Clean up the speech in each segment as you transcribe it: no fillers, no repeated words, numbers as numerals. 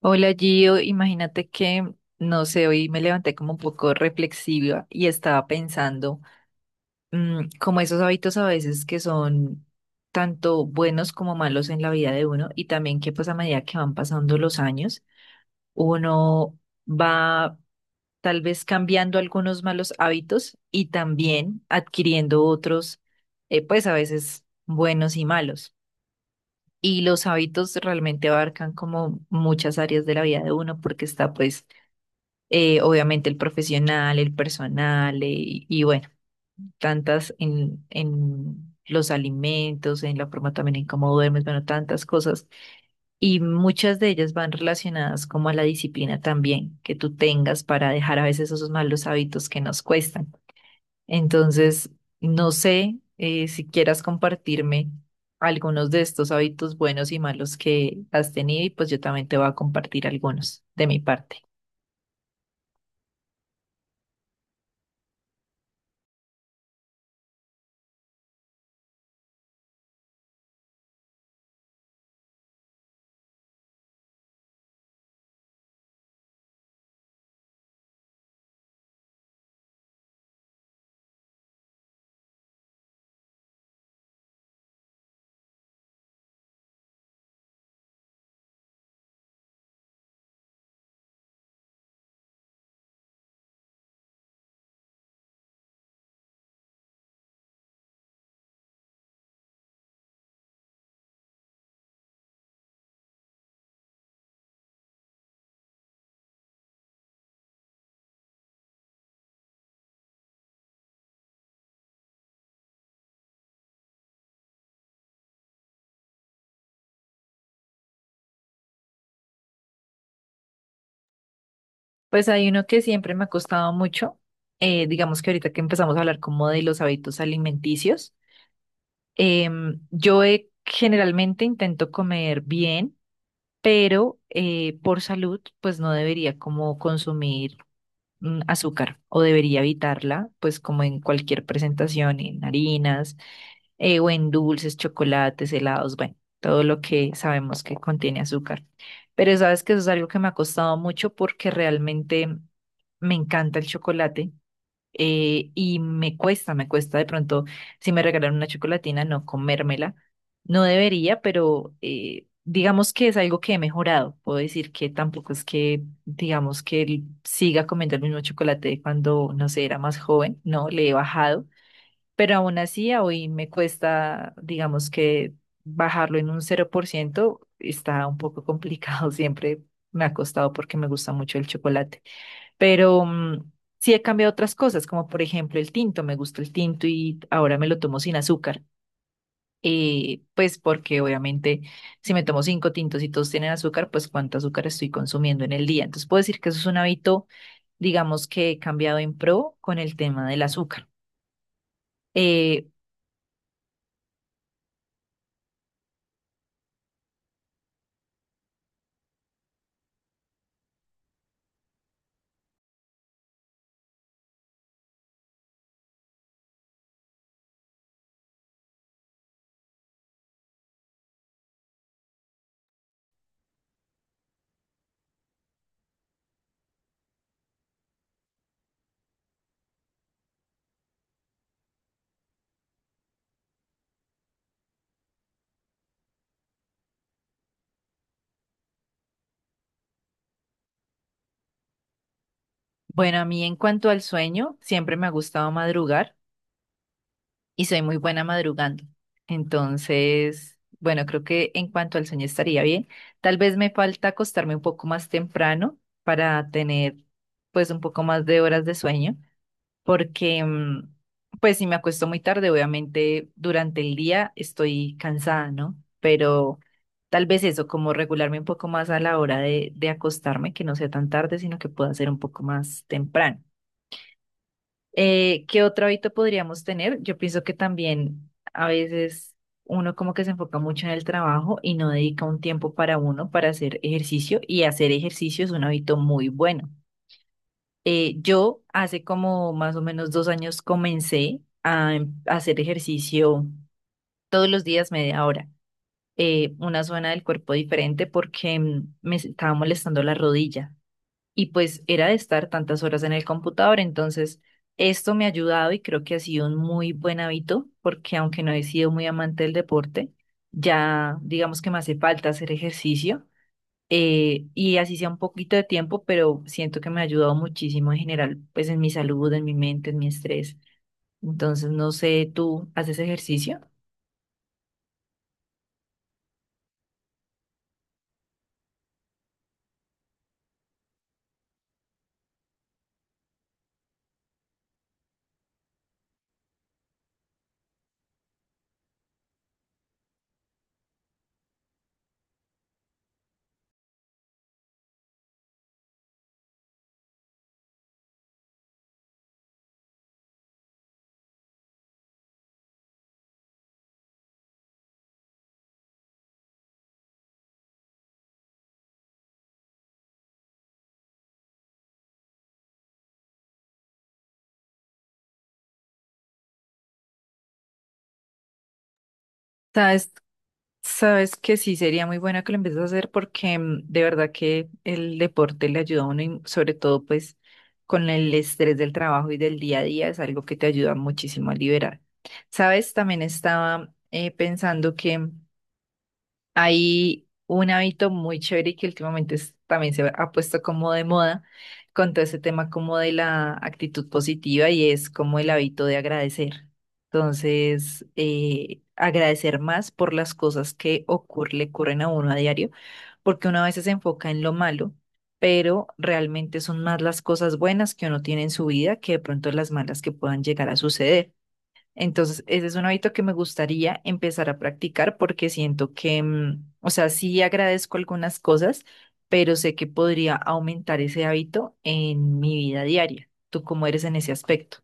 Hola Gio, imagínate que, no sé, hoy me levanté como un poco reflexiva y estaba pensando como esos hábitos a veces que son tanto buenos como malos en la vida de uno. Y también que, pues, a medida que van pasando los años, uno va tal vez cambiando algunos malos hábitos y también adquiriendo otros, pues a veces buenos y malos. Y los hábitos realmente abarcan como muchas áreas de la vida de uno, porque está pues obviamente el profesional, el personal, y bueno, tantas en los alimentos, en la forma también en cómo duermes, bueno, tantas cosas. Y muchas de ellas van relacionadas como a la disciplina también que tú tengas para dejar a veces esos malos hábitos que nos cuestan. Entonces, no sé, si quieras compartirme algunos de estos hábitos buenos y malos que has tenido, y pues yo también te voy a compartir algunos de mi parte. Pues hay uno que siempre me ha costado mucho. Digamos que ahorita que empezamos a hablar como de los hábitos alimenticios, generalmente intento comer bien, pero, por salud, pues no debería como consumir azúcar, o debería evitarla pues como en cualquier presentación: en harinas, o en dulces, chocolates, helados, bueno, todo lo que sabemos que contiene azúcar. Pero sabes que eso es algo que me ha costado mucho, porque realmente me encanta el chocolate, y me cuesta de pronto, si me regalan una chocolatina, no comérmela. No debería, pero, digamos que es algo que he mejorado. Puedo decir que tampoco es que, digamos que siga comiendo el mismo chocolate de cuando, no sé, era más joven. No, le he bajado, pero aún así a hoy me cuesta. Digamos que bajarlo en un 0% está un poco complicado, siempre me ha costado porque me gusta mucho el chocolate, pero sí he cambiado otras cosas, como por ejemplo el tinto. Me gusta el tinto y ahora me lo tomo sin azúcar. Pues porque obviamente, si me tomo cinco tintos y todos tienen azúcar, pues cuánto azúcar estoy consumiendo en el día. Entonces puedo decir que eso es un hábito, digamos que he cambiado, en pro con el tema del azúcar. Eh, Bueno, a mí en cuanto al sueño, siempre me ha gustado madrugar y soy muy buena madrugando. Entonces, bueno, creo que en cuanto al sueño estaría bien. Tal vez me falta acostarme un poco más temprano para tener pues un poco más de horas de sueño, porque pues si me acuesto muy tarde, obviamente durante el día estoy cansada, ¿no? Pero tal vez eso, como regularme un poco más a la hora de acostarme, que no sea tan tarde, sino que pueda ser un poco más temprano. ¿Qué otro hábito podríamos tener? Yo pienso que también a veces uno como que se enfoca mucho en el trabajo y no dedica un tiempo para uno para hacer ejercicio, y hacer ejercicio es un hábito muy bueno. Yo hace como más o menos 2 años comencé a hacer ejercicio todos los días media hora, una zona del cuerpo diferente, porque me estaba molestando la rodilla, y pues era de estar tantas horas en el computador. Entonces, esto me ha ayudado y creo que ha sido un muy buen hábito, porque aunque no he sido muy amante del deporte, ya digamos que me hace falta hacer ejercicio, y así sea un poquito de tiempo, pero siento que me ha ayudado muchísimo en general, pues en mi salud, en mi mente, en mi estrés. Entonces, no sé, ¿tú haces ejercicio? sabes Sabes que sí, sería muy buena que lo empieces a hacer, porque de verdad que el deporte le ayuda a uno, y sobre todo pues con el estrés del trabajo y del día a día es algo que te ayuda muchísimo a liberar. Sabes, también estaba pensando que hay un hábito muy chévere, y que últimamente también se ha puesto como de moda, con todo ese tema como de la actitud positiva, y es como el hábito de agradecer. Entonces, agradecer más por las cosas que le ocurren a uno a diario, porque uno a veces se enfoca en lo malo, pero realmente son más las cosas buenas que uno tiene en su vida, que de pronto las malas que puedan llegar a suceder. Entonces, ese es un hábito que me gustaría empezar a practicar, porque siento que, o sea, sí agradezco algunas cosas, pero sé que podría aumentar ese hábito en mi vida diaria. ¿Tú cómo eres en ese aspecto?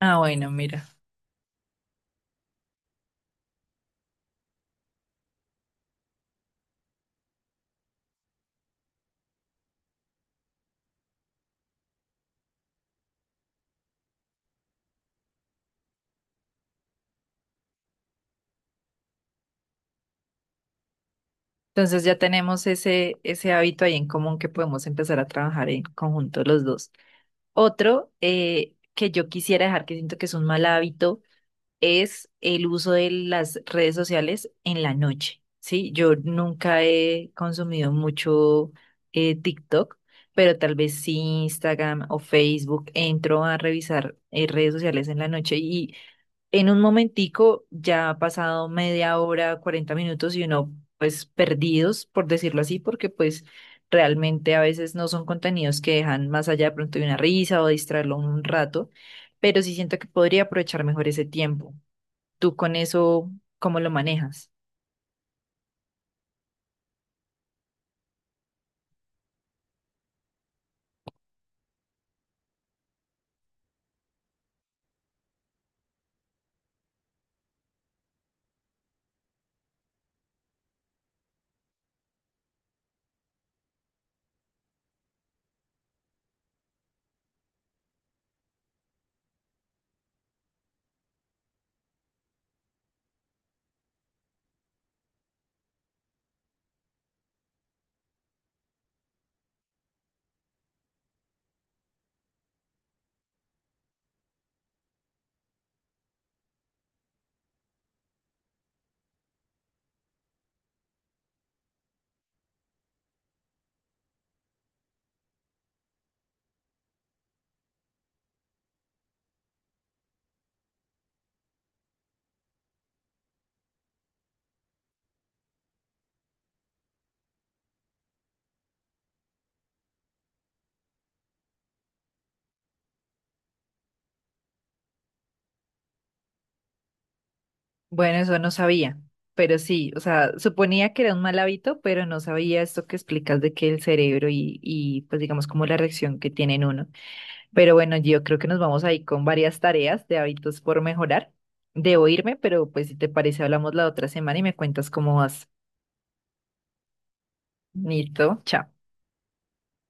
Ah, bueno, mira. Entonces ya tenemos ese, ese hábito ahí en común, que podemos empezar a trabajar en conjunto los dos. Otro, que yo quisiera dejar, que siento que es un mal hábito, es el uso de las redes sociales en la noche, ¿sí? Yo nunca he consumido mucho TikTok, pero tal vez sí Instagram o Facebook. Entro a revisar, redes sociales en la noche, y en un momentico ya ha pasado media hora, 40 minutos, y uno pues perdidos, por decirlo así, porque pues realmente a veces no son contenidos que dejan más allá de pronto de una risa o distraerlo un rato, pero sí siento que podría aprovechar mejor ese tiempo. ¿Tú con eso cómo lo manejas? Bueno, eso no sabía, pero sí, o sea, suponía que era un mal hábito, pero no sabía esto que explicas de que el cerebro, y pues digamos como la reacción que tiene en uno. Pero bueno, yo creo que nos vamos ahí con varias tareas de hábitos por mejorar. Debo irme, pero pues si te parece, hablamos la otra semana y me cuentas cómo vas. Listo, chao.